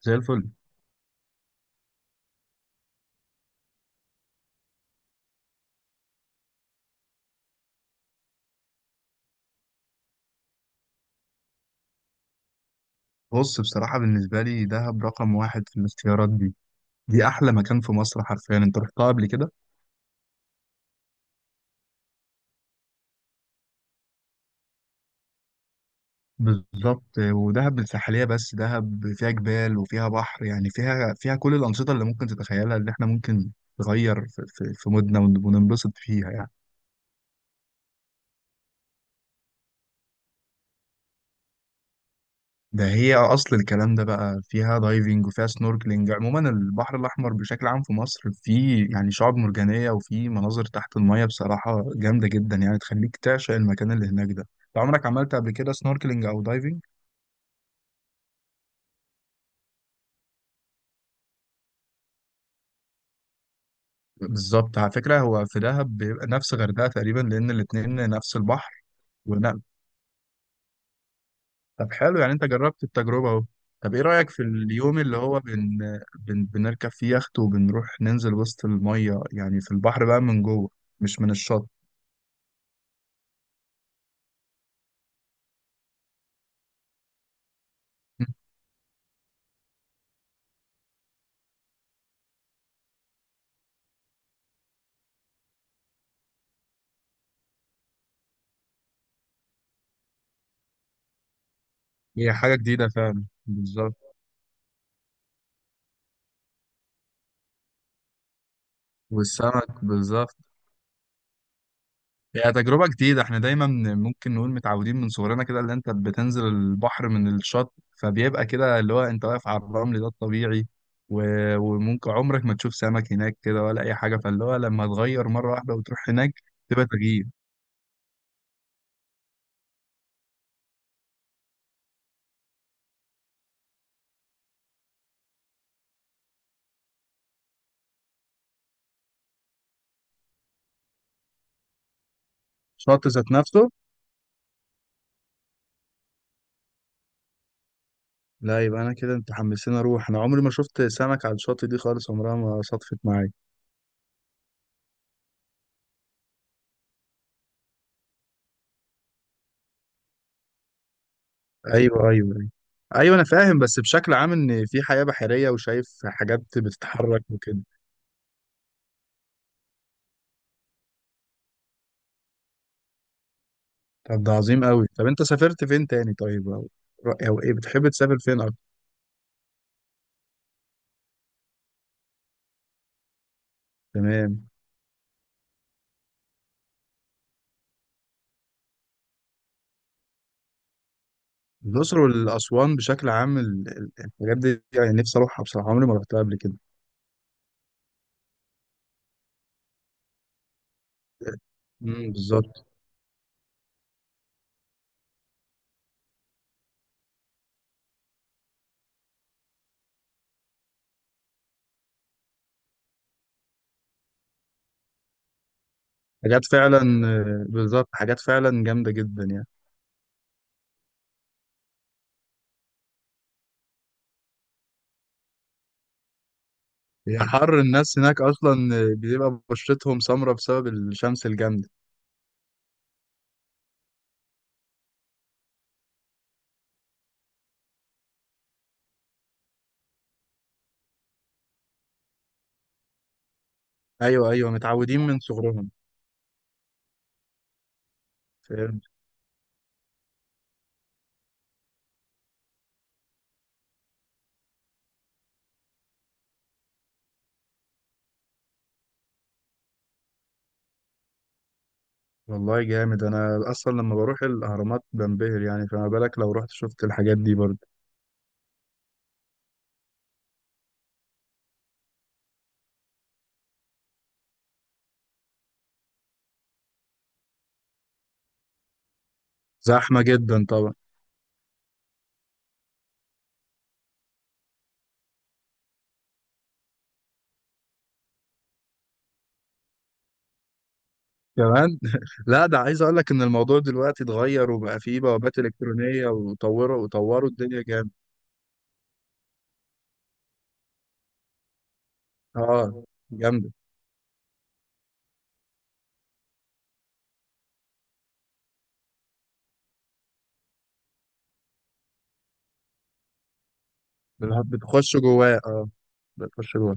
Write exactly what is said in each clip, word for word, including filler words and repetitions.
زي الفل. بص، بصراحة بالنسبة لي دهب رقم واحد في الاختيارات دي. دي أحلى مكان في مصر حرفيا. أنت رحتها قبل كده؟ بالظبط، ودهب الساحلية، بس دهب فيها جبال وفيها بحر، يعني فيها فيها كل الأنشطة اللي ممكن تتخيلها، اللي إحنا ممكن نغير في, في, في مودنا وننبسط فيها يعني. ده هي اصل الكلام ده. بقى فيها دايفنج وفيها سنوركلينج. عموما البحر الاحمر بشكل عام في مصر فيه يعني شعاب مرجانيه، وفيه مناظر تحت الميه بصراحه جامده جدا، يعني تخليك تعشق المكان اللي هناك ده. انت عمرك عملت قبل كده سنوركلينج او دايفنج؟ بالظبط. على فكره هو في دهب بيبقى نفس غردقه تقريبا، لان الاتنين نفس البحر. ونعم. طب حلو، يعني انت جربت التجربه اهو. طب ايه رايك في اليوم اللي هو بن... بن... بنركب فيه يخت وبنروح ننزل وسط الميه، يعني في البحر بقى من جوه، مش من الشط. هي حاجة جديدة فعلا، بالظبط. والسمك بالظبط. هي تجربة جديدة. احنا دايما ممكن نقول متعودين من صغرنا كده، اللي انت بتنزل البحر من الشط، فبيبقى كده اللي هو انت واقف على الرمل، ده الطبيعي. و- وممكن عمرك ما تشوف سمك هناك كده ولا اي حاجة، فاللي هو لما تغير مرة واحدة وتروح هناك تبقى تغيير. شط ذات نفسه. لا، يبقى انا كده انت حمسني اروح، انا عمري ما شفت سمك على الشط دي خالص، عمرها ما صدفت معايا. ايوه، ايوه، ايوه. ايوه انا فاهم، بس بشكل عام ان في حياة بحرية وشايف حاجات بتتحرك وكده. طب ده عظيم قوي. طب انت سافرت فين تاني طيب، او او ايه بتحب تسافر فين اكتر؟ تمام. الاقصر والاسوان بشكل عام، ال- ال- الحاجات دي يعني نفسي اروحها بصراحة، عمري ما رحتها قبل كده. امم، بالظبط. حاجات فعلا، آه، بالظبط حاجات فعلا جامدة جدا يعني. هي حر الناس هناك اصلا، آه، بيبقى بشرتهم سمرة بسبب الشمس الجامدة. ايوه ايوه، متعودين من صغرهم. فاهم. والله جامد، انا اصلا لما بروح الاهرامات بنبهر يعني، فما بالك لو رحت شفت الحاجات دي برضه. زحمه جدا طبعا. كمان لا ده عايز اقول لك ان الموضوع دلوقتي اتغير وبقى فيه بوابات الكترونيه، وطوروا وطوروا الدنيا جامد. اه جامده. بتخش جواه اه. بتخش جواه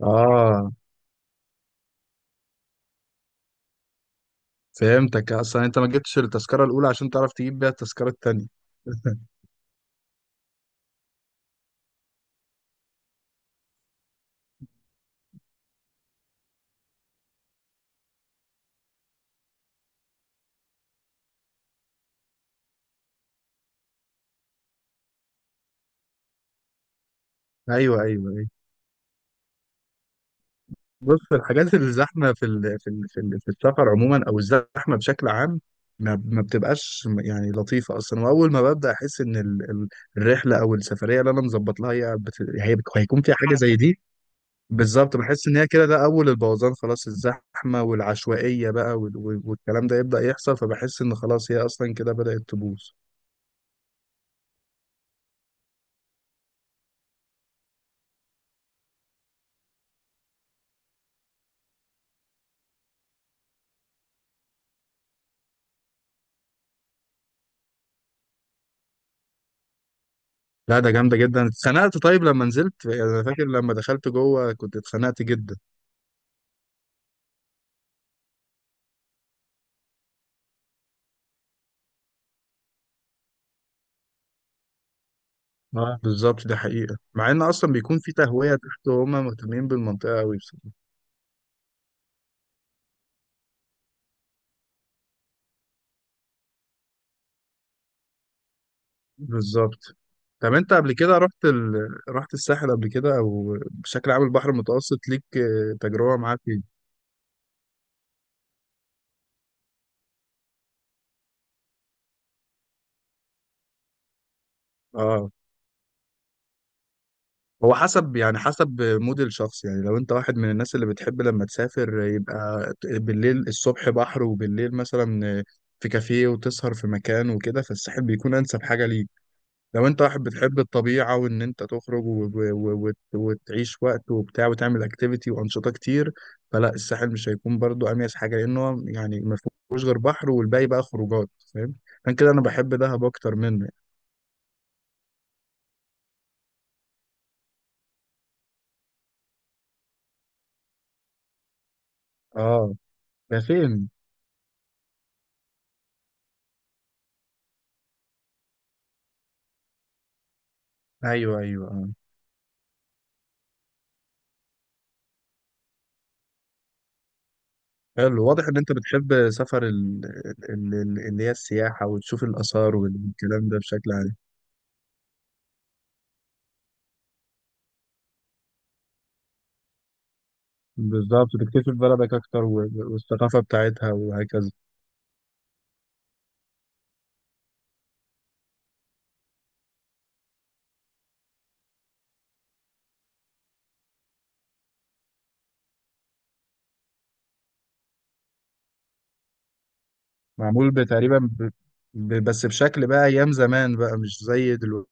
اه. فهمتك، اصلا انت ما جبتش التذكره الاولى عشان تعرف تجيب بيها التذكره التانيه. ايوه ايوه. بص، في الحاجات الزحمه في ال- في ال- في ال- في السفر عموما، او الزحمه بشكل عام ما ما بتبقاش يعني لطيفه اصلا. واول ما ببدا احس ان ال- ال- الرحله او السفريه اللي انا مظبط لها هي بت... هي بت- هيكون فيها حاجه زي دي، بالظبط بحس ان هي كده، ده اول البوظان، خلاص الزحمه والعشوائيه بقى وال... وال- والكلام ده يبدا يحصل، فبحس ان خلاص هي اصلا كده بدات تبوظ. لا ده جامده جدا. اتخنقت؟ طيب لما نزلت يعني، انا فاكر لما دخلت جوه كنت اتخنقت جدا. اه بالظبط، ده حقيقة، مع ان اصلا بيكون في تهوية تحت وهم مهتمين بالمنطقة قوي بصراحة. بالظبط. طب انت قبل كده رحت ال... رحت الساحل قبل كده، او بشكل عام البحر المتوسط ليك آه، تجربة معاه فيه؟ اه هو حسب، يعني حسب مود الشخص. يعني لو انت واحد من الناس اللي بتحب لما تسافر يبقى بالليل الصبح بحر، وبالليل مثلا في كافيه وتسهر في مكان وكده، فالساحل بيكون انسب حاجة ليك. لو انت واحد بتحب الطبيعة وان انت تخرج و... و... وت... وتعيش وقت وبتاع وتعمل اكتيفيتي وانشطة كتير، فلا الساحل مش هيكون برضو اميز حاجة، لانه يعني ما فيهوش غير بحر والباقي بقى خروجات، فاهم؟ عشان كده انا بحب دهب اكتر منه. اه. ده فين؟ ايوه ايوه اه. حلو، واضح ان انت بتحب سفر ال... ال... ال... اللي هي السياحة، وتشوف الآثار والكلام ده بشكل عام. بالظبط، تكتشف بلدك اكتر و... والثقافة بتاعتها وهكذا. معمول بتقريبا ب... ب... بس بشكل بقى ايام زمان، بقى مش زي دلوقتي.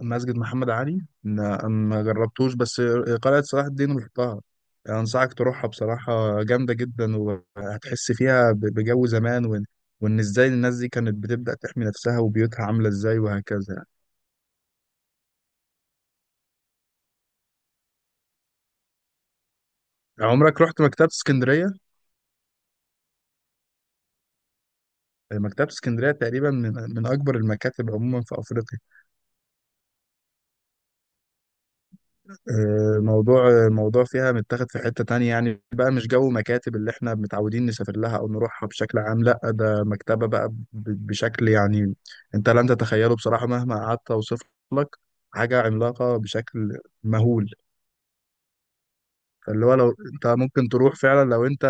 مسجد محمد علي لا، ما جربتوش. بس قلعة صلاح الدين رحتها، انصحك تروحها بصراحة جامدة جدا، وهتحس فيها ب... بجو زمان، وان وان ازاي الناس دي كانت بتبدأ تحمي نفسها وبيوتها عاملة ازاي وهكذا يعني. عمرك رحت مكتبة اسكندرية؟ مكتبة اسكندرية تقريبا من, من اكبر المكاتب عموما في افريقيا. آه، موضوع موضوع فيها متاخد في حتة تانية يعني، بقى مش جو مكاتب اللي احنا متعودين نسافر لها او نروحها بشكل عام، لا ده مكتبة بقى ب- بشكل يعني انت لن تتخيله بصراحة، مهما قعدت اوصف لك. حاجة عملاقة بشكل مهول. فاللي هو لو انت ممكن تروح فعلا، لو انت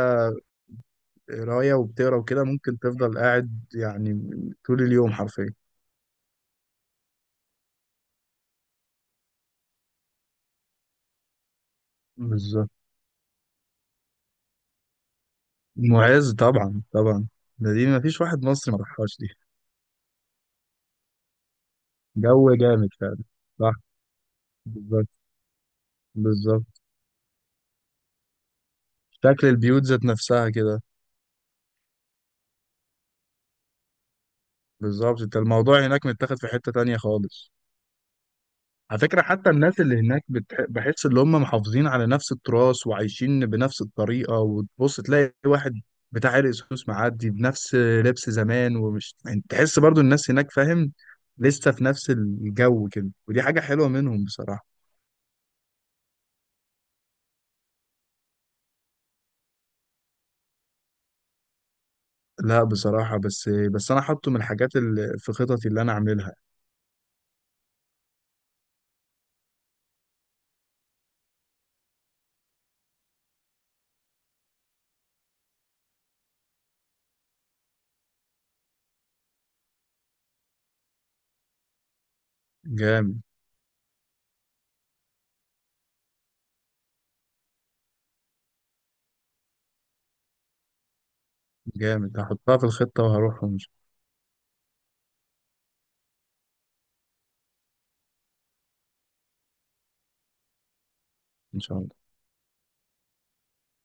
قراية وبتقرا وكده ممكن تفضل قاعد يعني طول اليوم حرفيا. بالظبط. معز طبعا طبعا، ده دي مفيش واحد مصري ما راحهاش دي. جو جامد فعلا. صح. بالظبط. بالظبط. شكل البيوت ذات نفسها كده. بالظبط، انت الموضوع هناك متاخد في حتة تانية خالص. على فكرة حتى الناس اللي هناك بتح... بحس ان هم محافظين على نفس التراث وعايشين بنفس الطريقة، وتبص تلاقي واحد بتاع عرق سوس معدي بنفس لبس زمان، ومش يعني، تحس برضو الناس هناك فاهم لسه في نفس الجو كده، ودي حاجة حلوة منهم بصراحة. لا بصراحة، بس بس أنا حاطه من الحاجات اللي في خططي اللي أنا أعملها. جامد. جامد، هحطها في الخطة وهروحهم إن شاء. إن شاء الله.